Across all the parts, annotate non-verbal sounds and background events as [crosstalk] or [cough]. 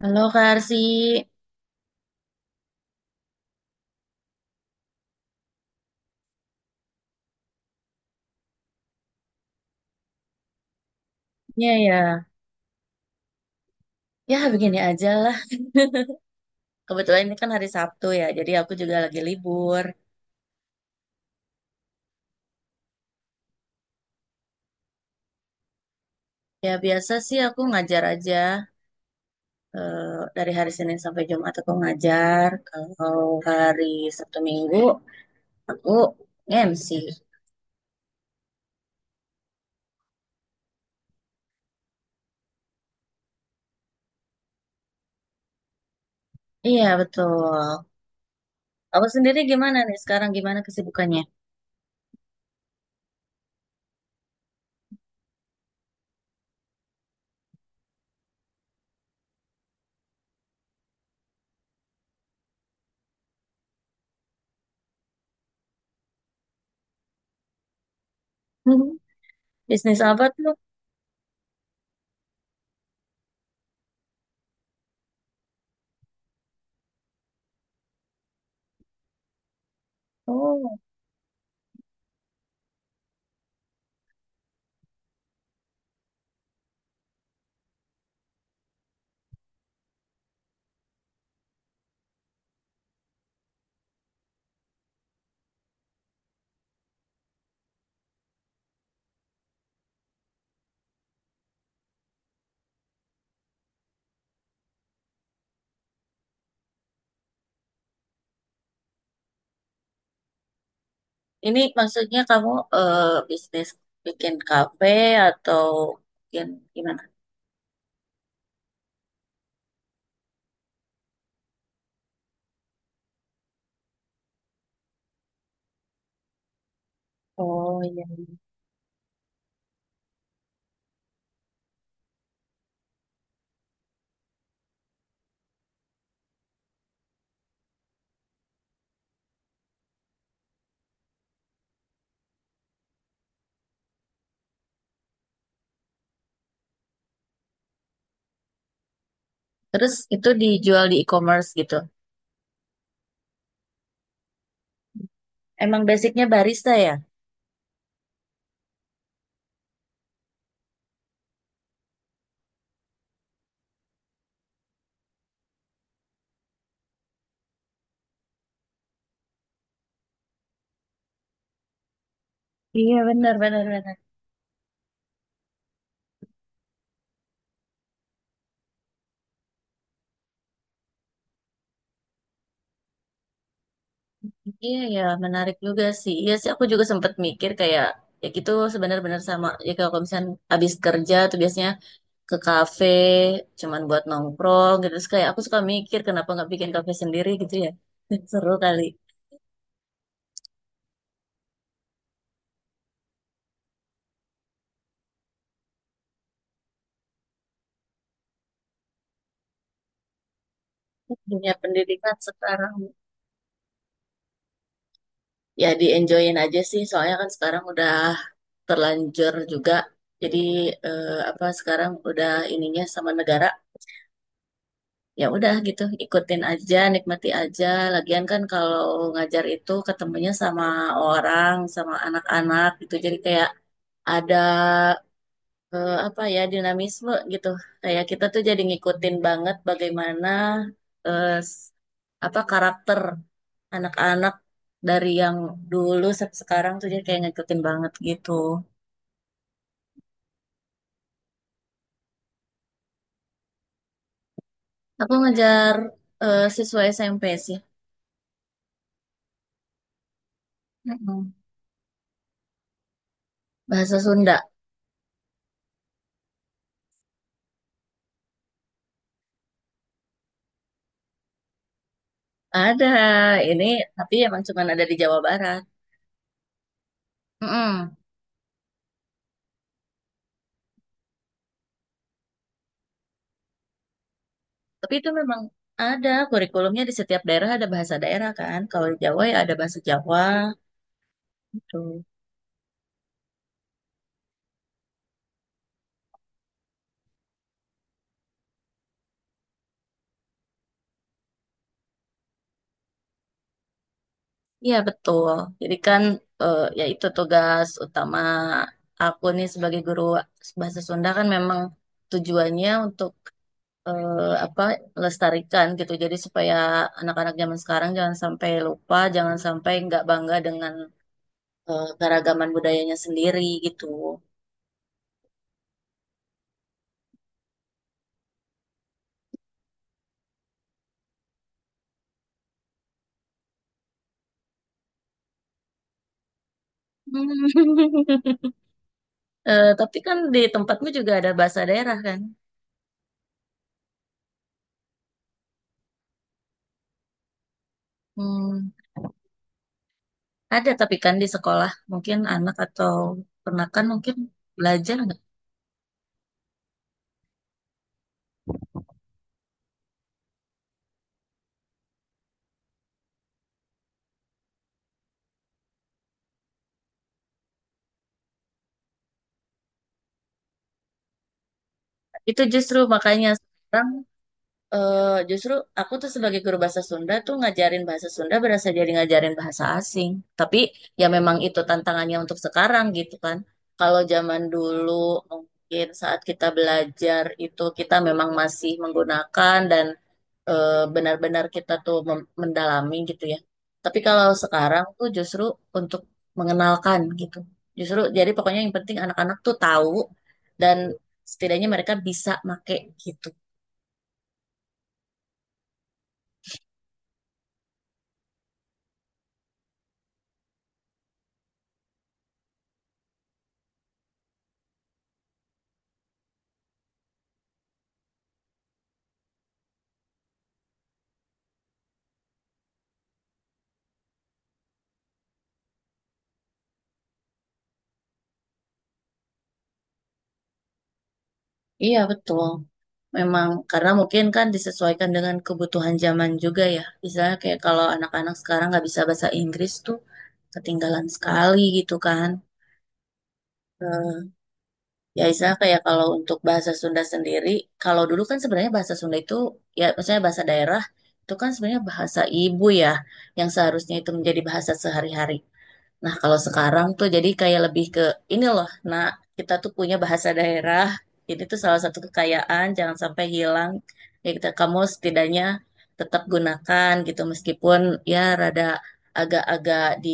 Halo Kak Arsi, ya ya, ya begini aja lah. Kebetulan ini kan hari Sabtu ya, jadi aku juga lagi libur. Ya biasa sih aku ngajar aja eh, dari hari Senin sampai Jumat aku ngajar. Kalau hari Sabtu Minggu aku MC. Iya betul. Aku sendiri gimana nih sekarang? Gimana kesibukannya? [laughs] Bisnis apa tuh? Oh, ini maksudnya kamu eh, bisnis bikin kafe atau bikin gimana? Oh iya. Terus itu dijual di e-commerce gitu. Emang basicnya barista ya? Iya, benar, benar, benar. Iya ya menarik juga sih. Iya sih aku juga sempat mikir kayak ya gitu sebenarnya benar sama. Ya kalau misalnya habis kerja tuh biasanya ke kafe cuman buat nongkrong gitu. Terus kayak aku suka mikir kenapa nggak bikin kafe sendiri gitu ya. [laughs] Seru kali. Dunia pendidikan sekarang ya di enjoyin aja sih. Soalnya kan sekarang udah terlanjur juga. Jadi apa sekarang udah ininya sama negara ya udah gitu ikutin aja nikmati aja lagian kan kalau ngajar itu ketemunya sama orang sama anak-anak gitu jadi kayak ada apa ya dinamisme gitu kayak kita tuh jadi ngikutin banget bagaimana eh, s- apa karakter anak-anak dari yang dulu sampai sekarang tuh jadi kayak ngikutin banget gitu aku ngajar siswa SMP sih. Mm-mm. Bahasa Sunda. Ada, ini tapi emang cuma ada di Jawa Barat. Mm-mm. Tapi itu memang ada kurikulumnya di setiap daerah ada bahasa daerah kan. Kalau di Jawa ya ada bahasa Jawa gitu. Iya betul. Jadi kan ya itu tugas utama aku nih sebagai guru bahasa Sunda kan memang tujuannya untuk eh, apa lestarikan gitu. Jadi supaya anak-anak zaman sekarang jangan sampai lupa, jangan sampai nggak bangga dengan keragaman budayanya sendiri gitu. [laughs] Eh, tapi kan di tempatmu juga ada bahasa daerah kan? Hmm, ada tapi kan di sekolah mungkin anak atau ponakan mungkin belajar nggak? Itu justru makanya sekarang justru aku tuh sebagai guru bahasa Sunda tuh ngajarin bahasa Sunda berasa jadi ngajarin bahasa asing. Tapi ya memang itu tantangannya untuk sekarang gitu kan. Kalau zaman dulu mungkin saat kita belajar itu kita memang masih menggunakan dan benar-benar kita tuh mendalami gitu ya. Tapi kalau sekarang tuh justru untuk mengenalkan gitu. Justru jadi pokoknya yang penting anak-anak tuh tahu dan setidaknya mereka bisa make gitu. Iya betul. Memang karena mungkin kan disesuaikan dengan kebutuhan zaman juga ya. Misalnya kayak kalau anak-anak sekarang nggak bisa bahasa Inggris tuh ketinggalan sekali gitu kan. Ya, istilah kayak kalau untuk bahasa Sunda sendiri, kalau dulu kan sebenarnya bahasa Sunda itu, ya maksudnya bahasa daerah, itu kan sebenarnya bahasa ibu ya, yang seharusnya itu menjadi bahasa sehari-hari. Nah, kalau sekarang tuh jadi kayak lebih ke, ini loh, nah kita tuh punya bahasa daerah, ini tuh salah satu kekayaan, jangan sampai hilang. Ya, kita, kamu setidaknya tetap gunakan gitu, meskipun ya rada agak-agak di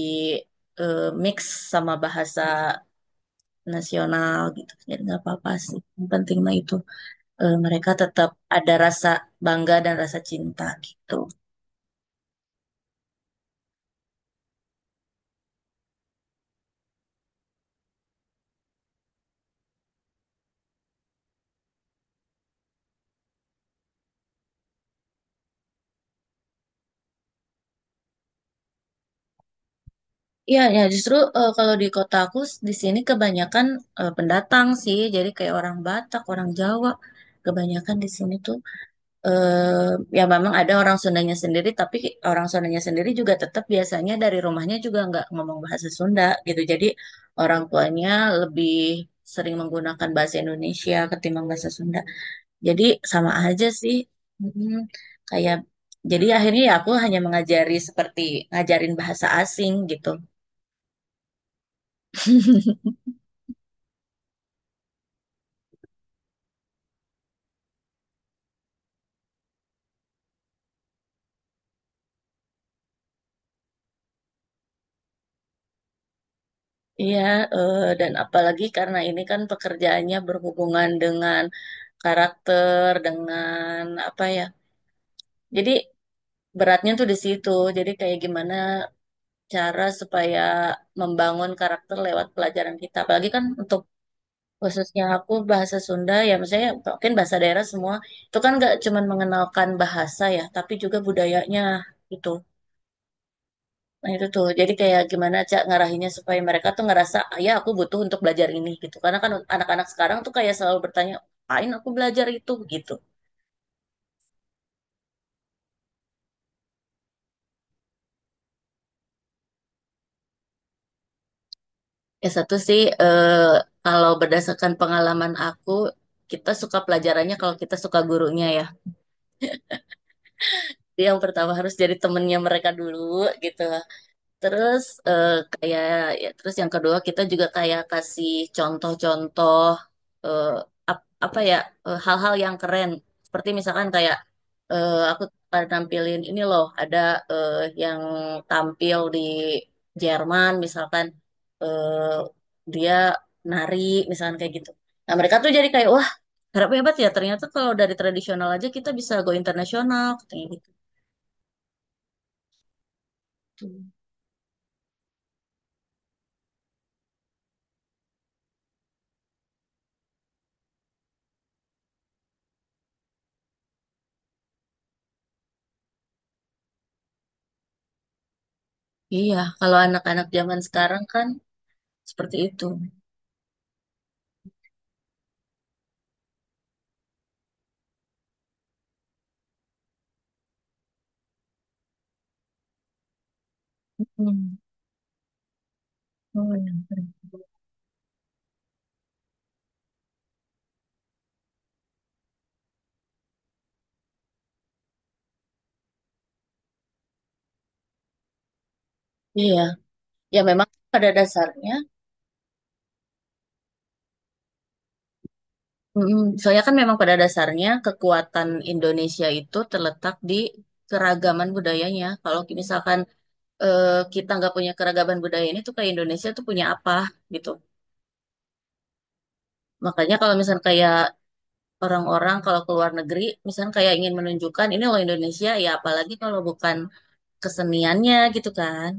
mix sama bahasa nasional gitu. Jadi nggak apa-apa sih. Yang penting mah itu mereka tetap ada rasa bangga dan rasa cinta gitu. Iya, ya justru kalau di kota aku di sini kebanyakan pendatang sih. Jadi kayak orang Batak, orang Jawa. Kebanyakan di sini tuh eh ya memang ada orang Sundanya sendiri, tapi orang Sundanya sendiri juga tetap biasanya dari rumahnya juga nggak ngomong bahasa Sunda gitu. Jadi orang tuanya lebih sering menggunakan bahasa Indonesia ketimbang bahasa Sunda. Jadi sama aja sih. Mm-mm. Kayak jadi akhirnya ya aku hanya mengajari seperti ngajarin bahasa asing gitu. [laughs] Iya, dan apalagi karena ini kan pekerjaannya berhubungan dengan karakter, dengan apa ya. Jadi beratnya tuh di situ. Jadi kayak gimana cara supaya membangun karakter lewat pelajaran kita. Apalagi kan untuk khususnya aku bahasa Sunda ya misalnya mungkin bahasa daerah semua itu kan nggak cuman mengenalkan bahasa ya tapi juga budayanya gitu nah itu tuh jadi kayak gimana cak ngarahinnya supaya mereka tuh ngerasa "Ah, ya aku butuh untuk belajar ini gitu karena kan anak-anak sekarang tuh kayak selalu bertanya apain aku belajar itu gitu. Ya satu sih kalau berdasarkan pengalaman aku kita suka pelajarannya kalau kita suka gurunya ya jadi yang pertama harus jadi temennya mereka dulu gitu. Terus kayak ya, terus yang kedua kita juga kayak kasih contoh-contoh eh, apa ya hal-hal yang keren. Seperti misalkan kayak aku pernah nampilin ini loh ada eh, yang tampil di Jerman misalkan dia nari misalkan kayak gitu. Nah mereka tuh jadi kayak wah harap hebat ya ternyata kalau dari tradisional aja kita bisa go internasional katanya gitu. Iya, kalau anak-anak zaman sekarang kan seperti itu. Hmm. Oh, ya. Iya, ya memang pada dasarnya, mm, soalnya kan memang pada dasarnya kekuatan Indonesia itu terletak di keragaman budayanya. Kalau misalkan kita nggak punya keragaman budaya ini tuh kayak Indonesia tuh punya apa gitu. Makanya kalau misalkan kayak orang-orang kalau ke luar negeri, misalkan kayak ingin menunjukkan ini loh Indonesia, ya apalagi kalau bukan keseniannya gitu kan.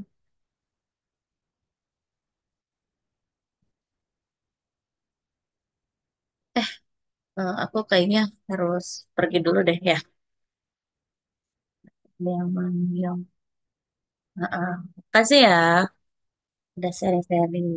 Eh, aku kayaknya harus pergi dulu deh ya. Ada yang manggil. Heeh. Makasih ya udah sharing-sharing.